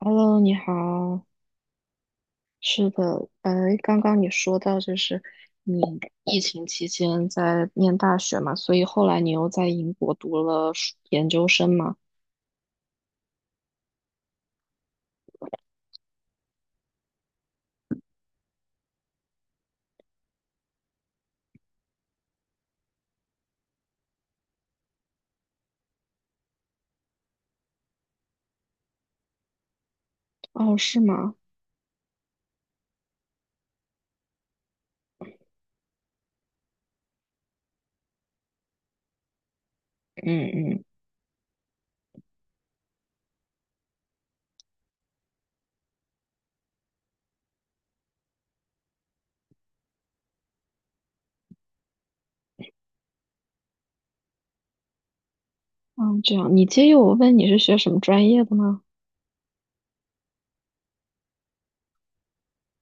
Hello，你好。是的，刚刚你说到就是你疫情期间在念大学嘛，所以后来你又在英国读了硕研究生嘛？哦，是吗？嗯嗯嗯，这样。你介意我问你是学什么专业的吗？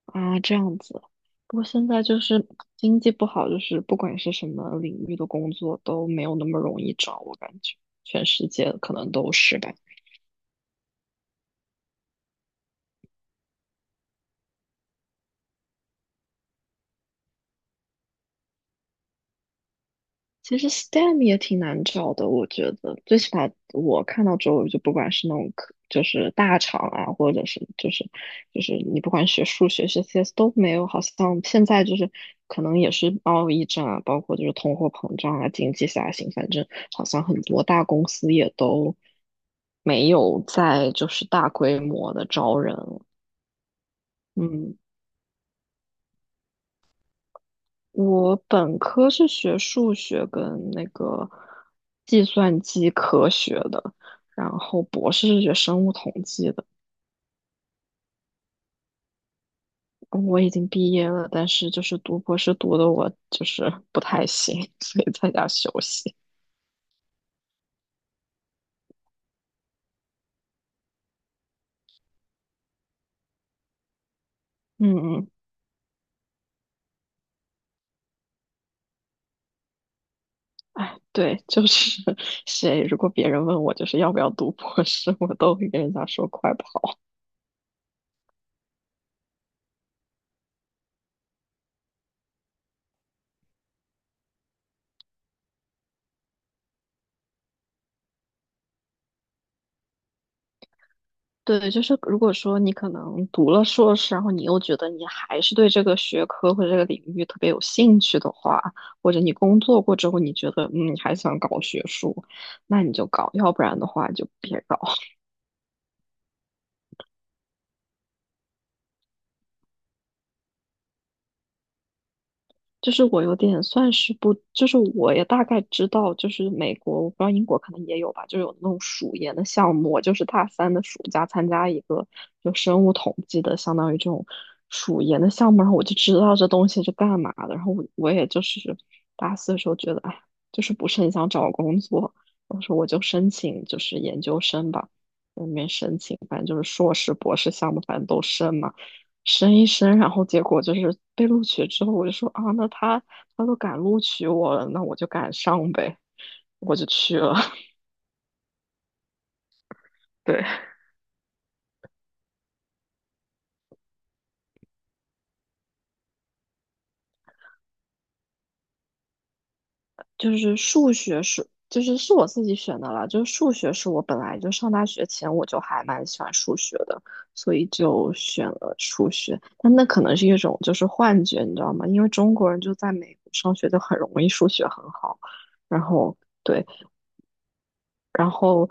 啊，这样子。不过现在就是经济不好，就是不管是什么领域的工作都没有那么容易找，我感觉全世界可能都是吧。其实 STEM 也挺难找的，我觉得最起码我看到周围就不管是那种科，就是大厂啊，或者是就是你不管学数学、学 CS 都没有，好像现在就是可能也是贸易战啊，包括就是通货膨胀啊、经济下行，反正好像很多大公司也都没有在就是大规模的招人。嗯，我本科是学数学跟那个计算机科学的，然后博士是学生物统计的。嗯，我已经毕业了，但是就是读博士读的我就是不太行，所以在家休息。嗯嗯，对，就是 谁如果别人问我就是要不要读博士，我都会跟人家说快跑。对，就是如果说你可能读了硕士，然后你又觉得你还是对这个学科或者这个领域特别有兴趣的话，或者你工作过之后，你觉得嗯，你还想搞学术，那你就搞，要不然的话就别搞。就是我有点算是不，就是我也大概知道，就是美国，我不知道英国可能也有吧，就有那种暑研的项目。我就是大三的暑假参加一个就生物统计的，相当于这种暑研的项目，然后我就知道这东西是干嘛的。然后我也就是大四的时候觉得，哎，就是不是很想找工作，我说我就申请就是研究生吧，在里面申请，反正就是硕士、博士项目，反正都申嘛。申一申，然后结果就是被录取之后，我就说啊，那他都敢录取我了，那我就敢上呗，我就去了。对，就是数学是，就是是我自己选的啦，就是数学是我本来就上大学前我就还蛮喜欢数学的，所以就选了数学。但那可能是一种就是幻觉，你知道吗？因为中国人就在美国上学就很容易数学很好，然后。对，然后，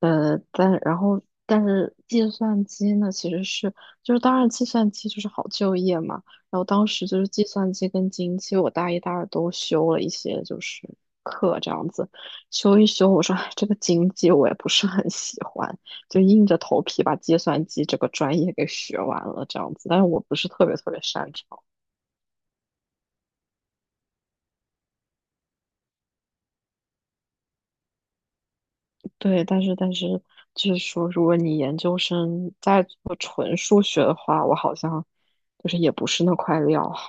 但然后但是计算机呢，其实是就是当然计算机就是好就业嘛。然后当时就是计算机跟经济，我大一大二都修了一些就是课这样子，修一修，我说哎，这个经济我也不是很喜欢，就硬着头皮把计算机这个专业给学完了这样子。但是我不是特别特别擅长。对，但是就是说，如果你研究生在做纯数学的话，我好像就是也不是那块料啊。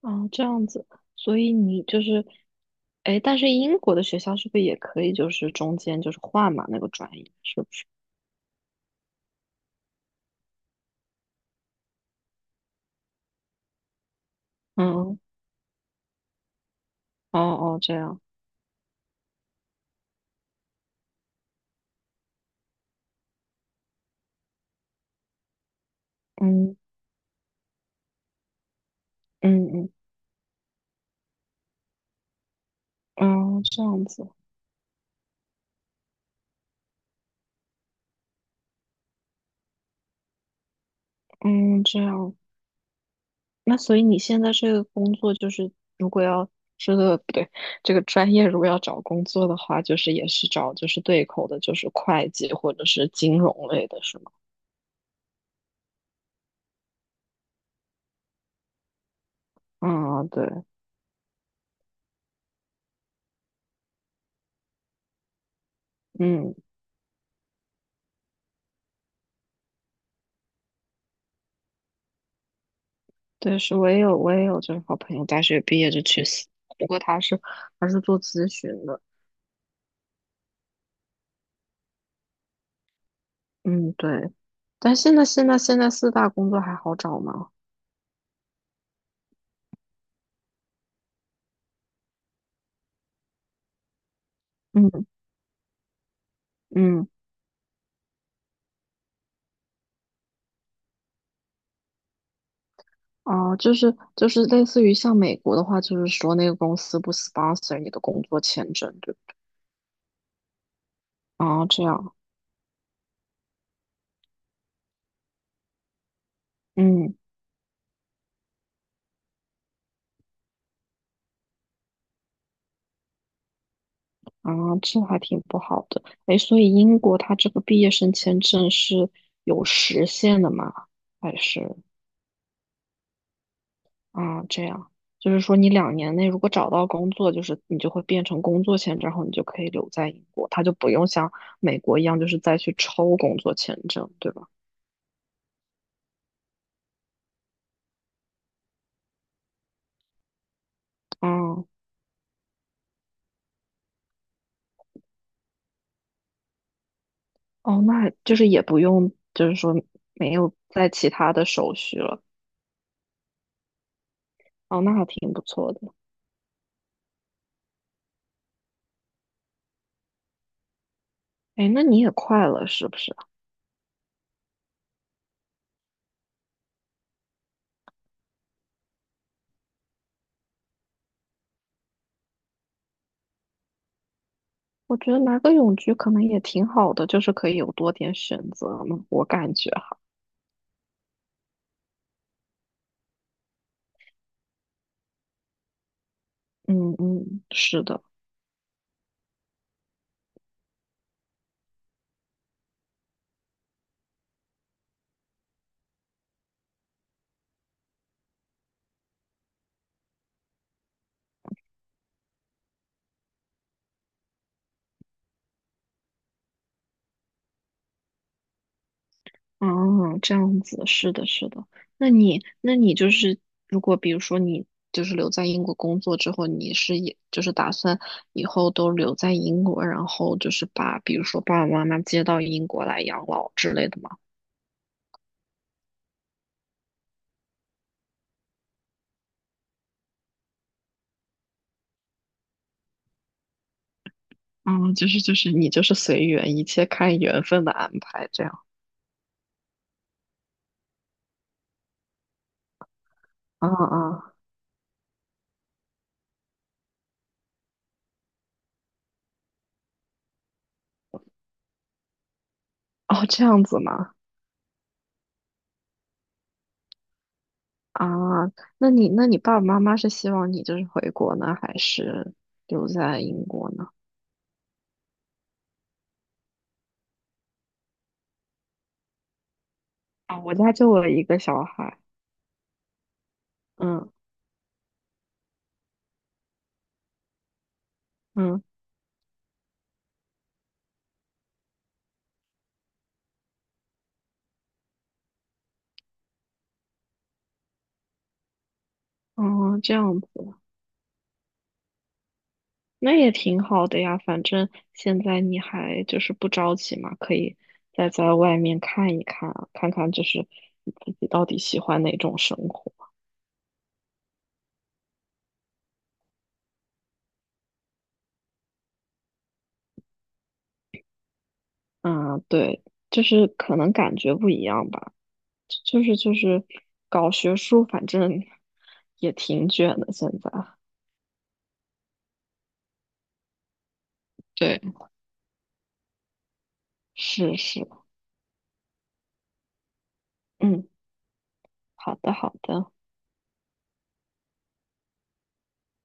哦，这样子，所以你就是，哎，但是英国的学校是不是也可以，就是中间就是换嘛那个专业，是不是？嗯，哦哦，这样，嗯嗯嗯，哦，这样子，嗯，这样，那所以你现在这个工作就是，如果要这个不对，这个专业如果要找工作的话，就是也是找就是对口的，就是会计或者是金融类的，是吗？啊，对，嗯，对，是我也有就是好朋友大学毕业就去死，不过他是做咨询的，嗯，对。但现在四大工作还好找吗？嗯嗯，哦、就是就是类似于像美国的话，就是说那个公司不 sponsor 你的工作签证。对哦，这样，嗯，啊，这还挺不好的。哎，所以英国它这个毕业生签证是有时限的吗？还是啊，这样，就是说你两年内如果找到工作，就是你就会变成工作签证，然后你就可以留在英国，它就不用像美国一样，就是再去抽工作签证，对吧？哦，哦，那就是也不用，就是说没有在其他的手续了。哦，那还挺不错的。哎，那你也快了，是不是？我觉得拿个泳局可能也挺好的，就是可以有多点选择嘛，我感觉啊，嗯嗯，是的，嗯，这样子，是的，是的。那你，那你就是，如果比如说你就是留在英国工作之后，你是也就是打算以后都留在英国，然后就是把比如说爸爸妈妈接到英国来养老之类的吗？嗯，就是就是你就是随缘，一切看缘分的安排这样。嗯嗯，哦，这样子吗？啊，那你爸爸妈妈是希望你就是回国呢，还是留在英国呢？啊，我家就我一个小孩，嗯，嗯，哦，这样子，那也挺好的呀。反正现在你还就是不着急嘛，可以再在外面看一看啊，看看就是你自己到底喜欢哪种生活。嗯，对，就是可能感觉不一样吧。就是就是搞学术，反正也挺卷的现在。对。是是，嗯，好的好的，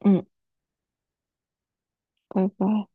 嗯，拜拜。